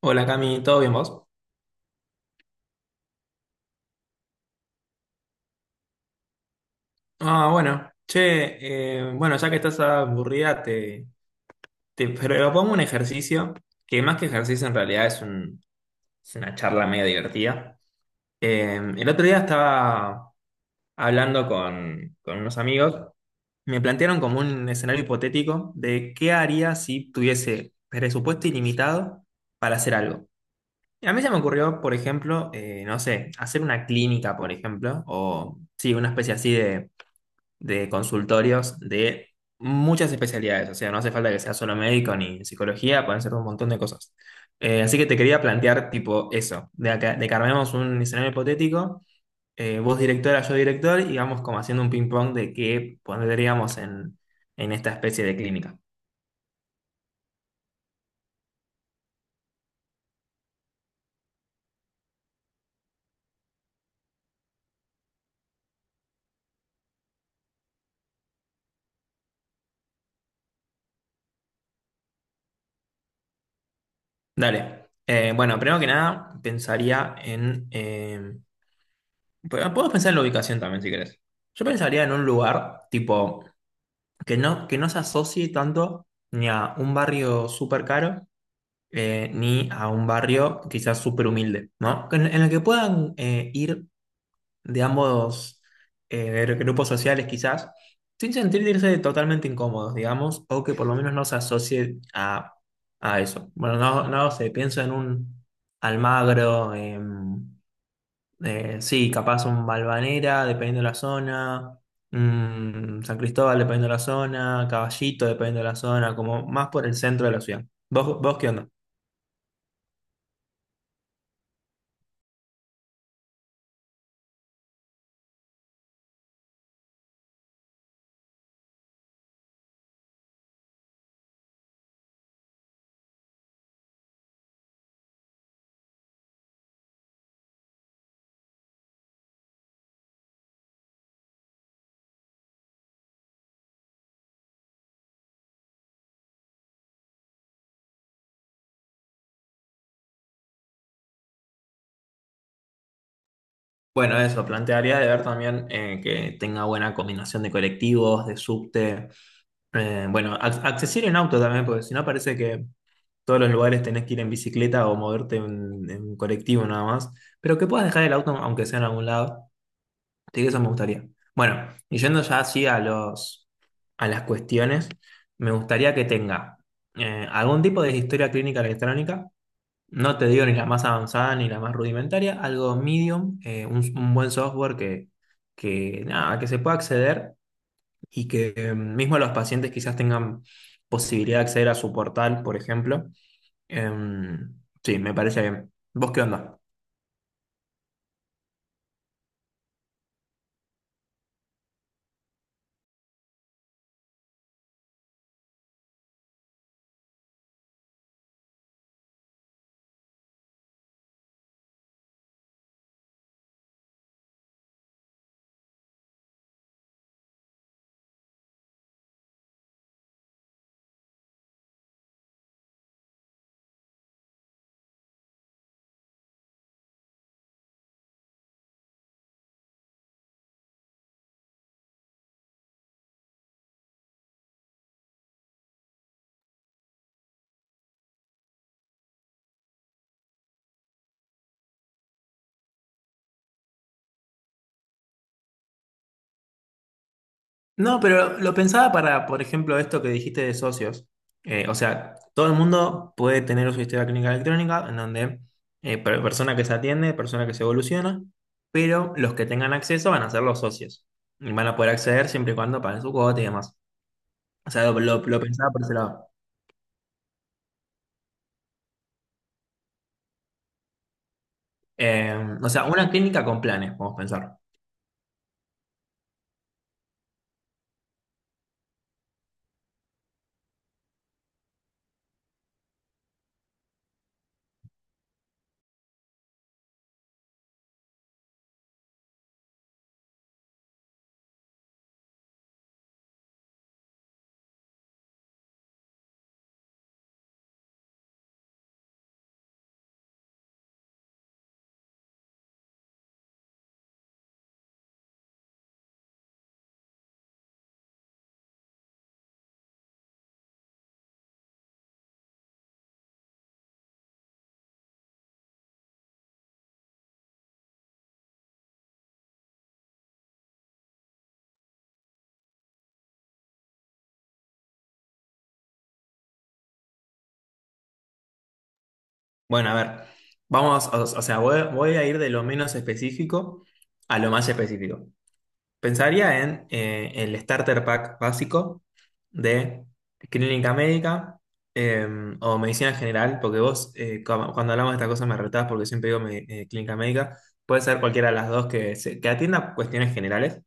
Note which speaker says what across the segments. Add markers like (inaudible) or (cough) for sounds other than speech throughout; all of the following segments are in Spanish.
Speaker 1: Hola Cami, ¿todo bien vos? Ah, bueno, che, bueno, ya que estás aburrida, te propongo un ejercicio, que más que ejercicio en realidad es, es una charla medio divertida. El otro día estaba hablando con unos amigos, me plantearon como un escenario hipotético de qué haría si tuviese presupuesto ilimitado para hacer algo. Y a mí se me ocurrió, por ejemplo, no sé, hacer una clínica, por ejemplo, o sí, una especie así de consultorios de muchas especialidades. O sea, no hace falta que sea solo médico ni psicología, pueden ser un montón de cosas. Así que te quería plantear tipo eso, de que armemos un escenario hipotético, vos directora, yo director, y vamos como haciendo un ping-pong de qué pondríamos en esta especie de clínica. Dale. Bueno, primero que nada, pensaría en... podemos pensar en la ubicación también, si querés. Yo pensaría en un lugar tipo que no se asocie tanto ni a un barrio súper caro, ni a un barrio quizás súper humilde, ¿no? En el que puedan ir de ambos grupos sociales quizás, sin sentirse totalmente incómodos, digamos, o que por lo menos no se asocie a eso. Bueno, no, no sé, pienso en un Almagro, sí, capaz un Valvanera, dependiendo de la zona, San Cristóbal, dependiendo de la zona, Caballito, dependiendo de la zona, como más por el centro de la ciudad. Vos qué onda? Bueno, eso, plantearía de ver también que tenga buena combinación de colectivos, de subte, eh, bueno, accesible en auto también, porque si no parece que todos los lugares tenés que ir en bicicleta o moverte en colectivo nada más, pero que puedas dejar el auto aunque sea en algún lado. Así que eso me gustaría. Bueno, y yendo ya así a a las cuestiones, me gustaría que tenga algún tipo de historia clínica electrónica, no te digo ni la más avanzada ni la más rudimentaria, algo medium, un buen software que, nada, que se pueda acceder y que mismo los pacientes quizás tengan posibilidad de acceder a su portal, por ejemplo. Em, sí, me parece bien. ¿Vos qué onda? No, pero lo pensaba para, por ejemplo, esto que dijiste de socios. O sea, todo el mundo puede tener su historia clínica electrónica, en donde eh, persona que se atiende, persona que se evoluciona, pero los que tengan acceso van a ser los socios. Y van a poder acceder siempre y cuando paguen su cuota y demás. O sea, lo pensaba por ese lado. Eh, o sea, una clínica con planes, vamos a pensar. Bueno, a ver, vamos, o sea, voy, voy a ir de lo menos específico a lo más específico. Pensaría en el starter pack básico de clínica médica, eh, o medicina general, porque vos, eh, cuando hablamos de estas cosas me retás porque siempre digo clínica médica, puede ser cualquiera de las dos que, que atienda cuestiones generales.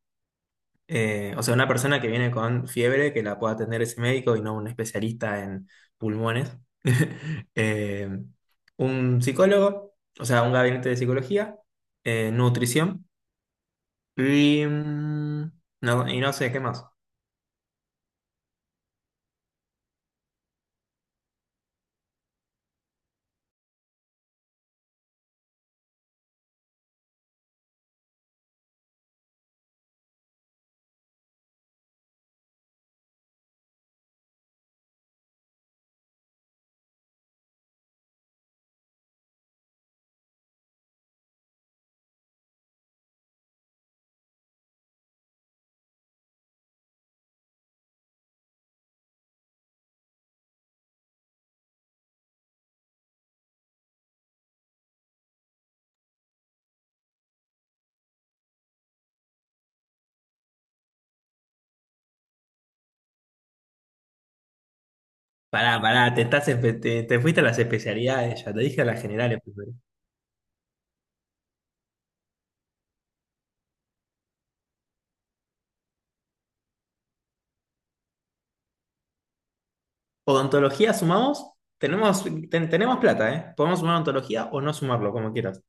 Speaker 1: O sea, una persona que viene con fiebre que la pueda atender ese médico y no un especialista en pulmones. (laughs) Eh, un psicólogo, o sea, un gabinete de psicología, nutrición. Y, no, y no sé, ¿qué más? Pará, pará, te fuiste a las especialidades, ya te dije a las generales primero. Odontología sumamos, tenemos, tenemos plata, ¿eh? Podemos sumar odontología o no sumarlo, como quieras.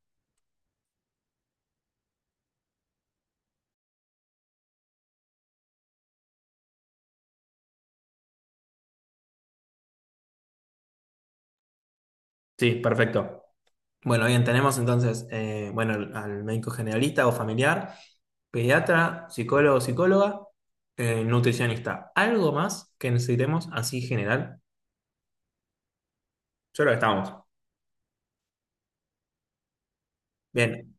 Speaker 1: Sí, perfecto. Bueno, bien, tenemos entonces, bueno, al médico generalista o familiar, pediatra, psicólogo, psicóloga, nutricionista. ¿Algo más que necesitemos así general? Yo creo que estamos. Bien.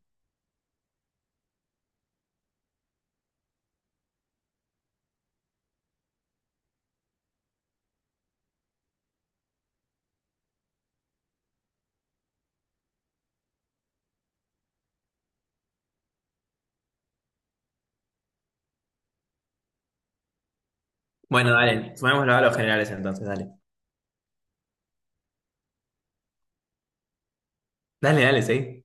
Speaker 1: Bueno, dale, sumémoslo a los generales entonces, dale. Dale, dale, sí.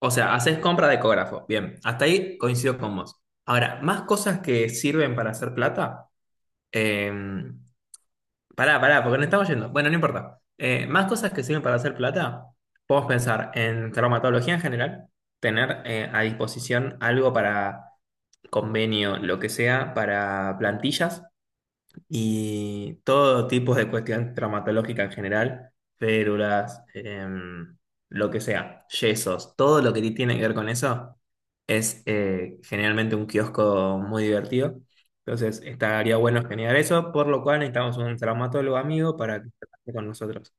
Speaker 1: O sea, haces compra de ecógrafo. Bien, hasta ahí coincido con vos. Ahora, más cosas que sirven para hacer plata. Eh, Pará, pará, porque nos estamos yendo. Bueno, no importa. Más cosas que sirven para hacer plata. Podemos pensar en traumatología en general, tener a disposición algo para convenio, lo que sea, para plantillas y todo tipo de cuestión traumatológica en general, férulas, lo que sea, yesos, todo lo que tiene que ver con eso es generalmente un kiosco muy divertido. Entonces, estaría bueno generar eso, por lo cual necesitamos un traumatólogo amigo para que trabaje con nosotros.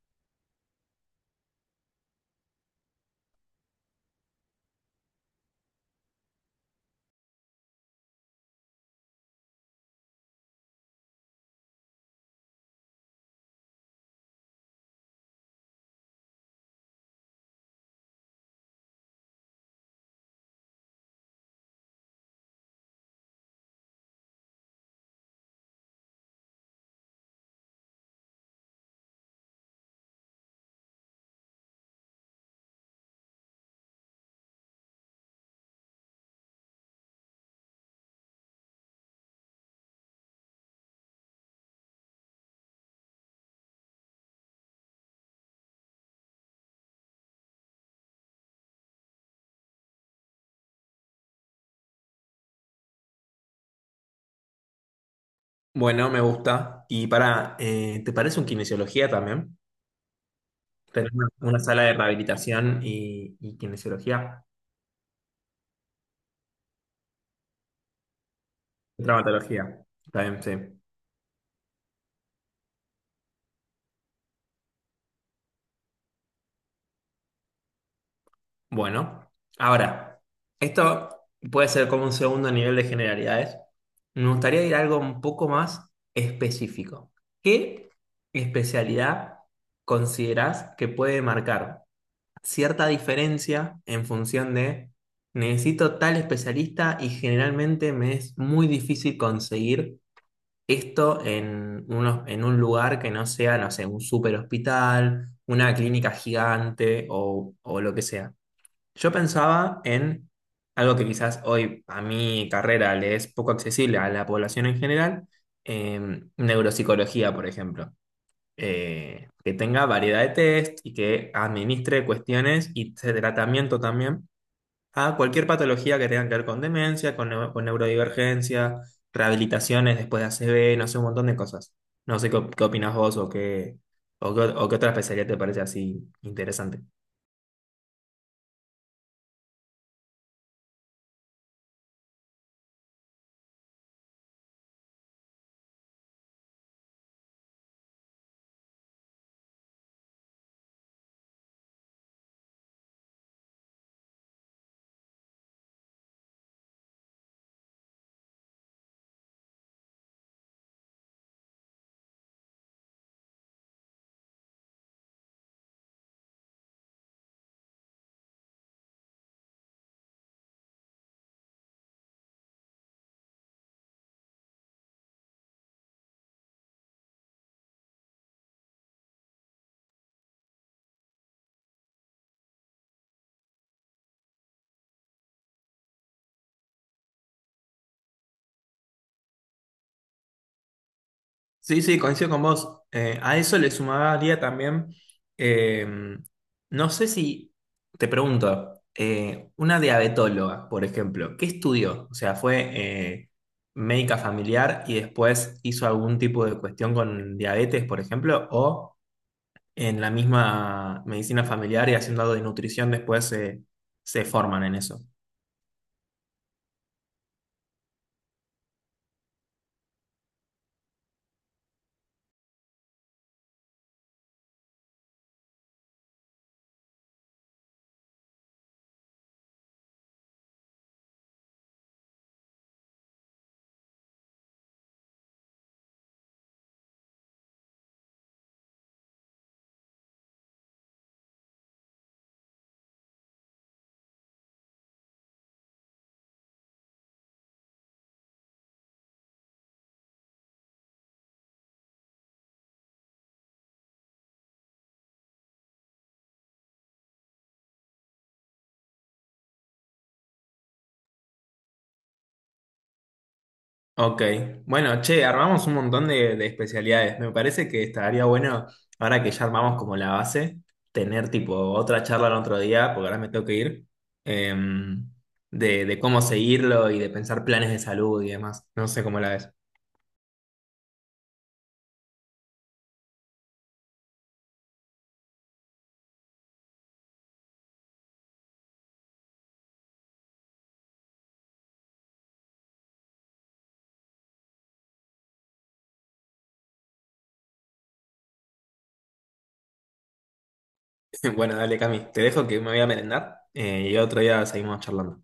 Speaker 1: Bueno, me gusta. Y para, ¿te parece un kinesiología también? Tener una sala de rehabilitación y kinesiología. Traumatología. Está bien, sí. Bueno, ahora, esto puede ser como un segundo nivel de generalidades. Me gustaría ir a algo un poco más específico. ¿Qué especialidad considerás que puede marcar cierta diferencia en función de necesito tal especialista y generalmente me es muy difícil conseguir esto en, en un lugar que no sea, no sé, un super hospital, una clínica gigante o lo que sea? Yo pensaba en algo que quizás hoy a mi carrera le es poco accesible a la población en general, neuropsicología, por ejemplo. Que tenga variedad de test y que administre cuestiones y de tratamiento también a cualquier patología que tenga que ver con demencia, con con neurodivergencia, rehabilitaciones después de ACV, no sé, un montón de cosas. No sé qué, qué opinas vos o qué otra especialidad te parece así interesante. Sí, sí, coincido con vos. A eso le sumaría también, eh, no sé si, te pregunto, una diabetóloga, por ejemplo, ¿qué estudió? O sea, ¿fue eh, médica familiar y después hizo algún tipo de cuestión con diabetes, por ejemplo? ¿O en la misma medicina familiar y haciendo algo de nutrición después se forman en eso? Ok, bueno, che, armamos un montón de especialidades. Me parece que estaría bueno, ahora que ya armamos como la base, tener tipo otra charla el otro día, porque ahora me tengo que ir, em, de cómo seguirlo y de pensar planes de salud y demás. No sé cómo la ves. (laughs) Bueno, dale, Cami, te dejo que me voy a merendar y otro día seguimos charlando.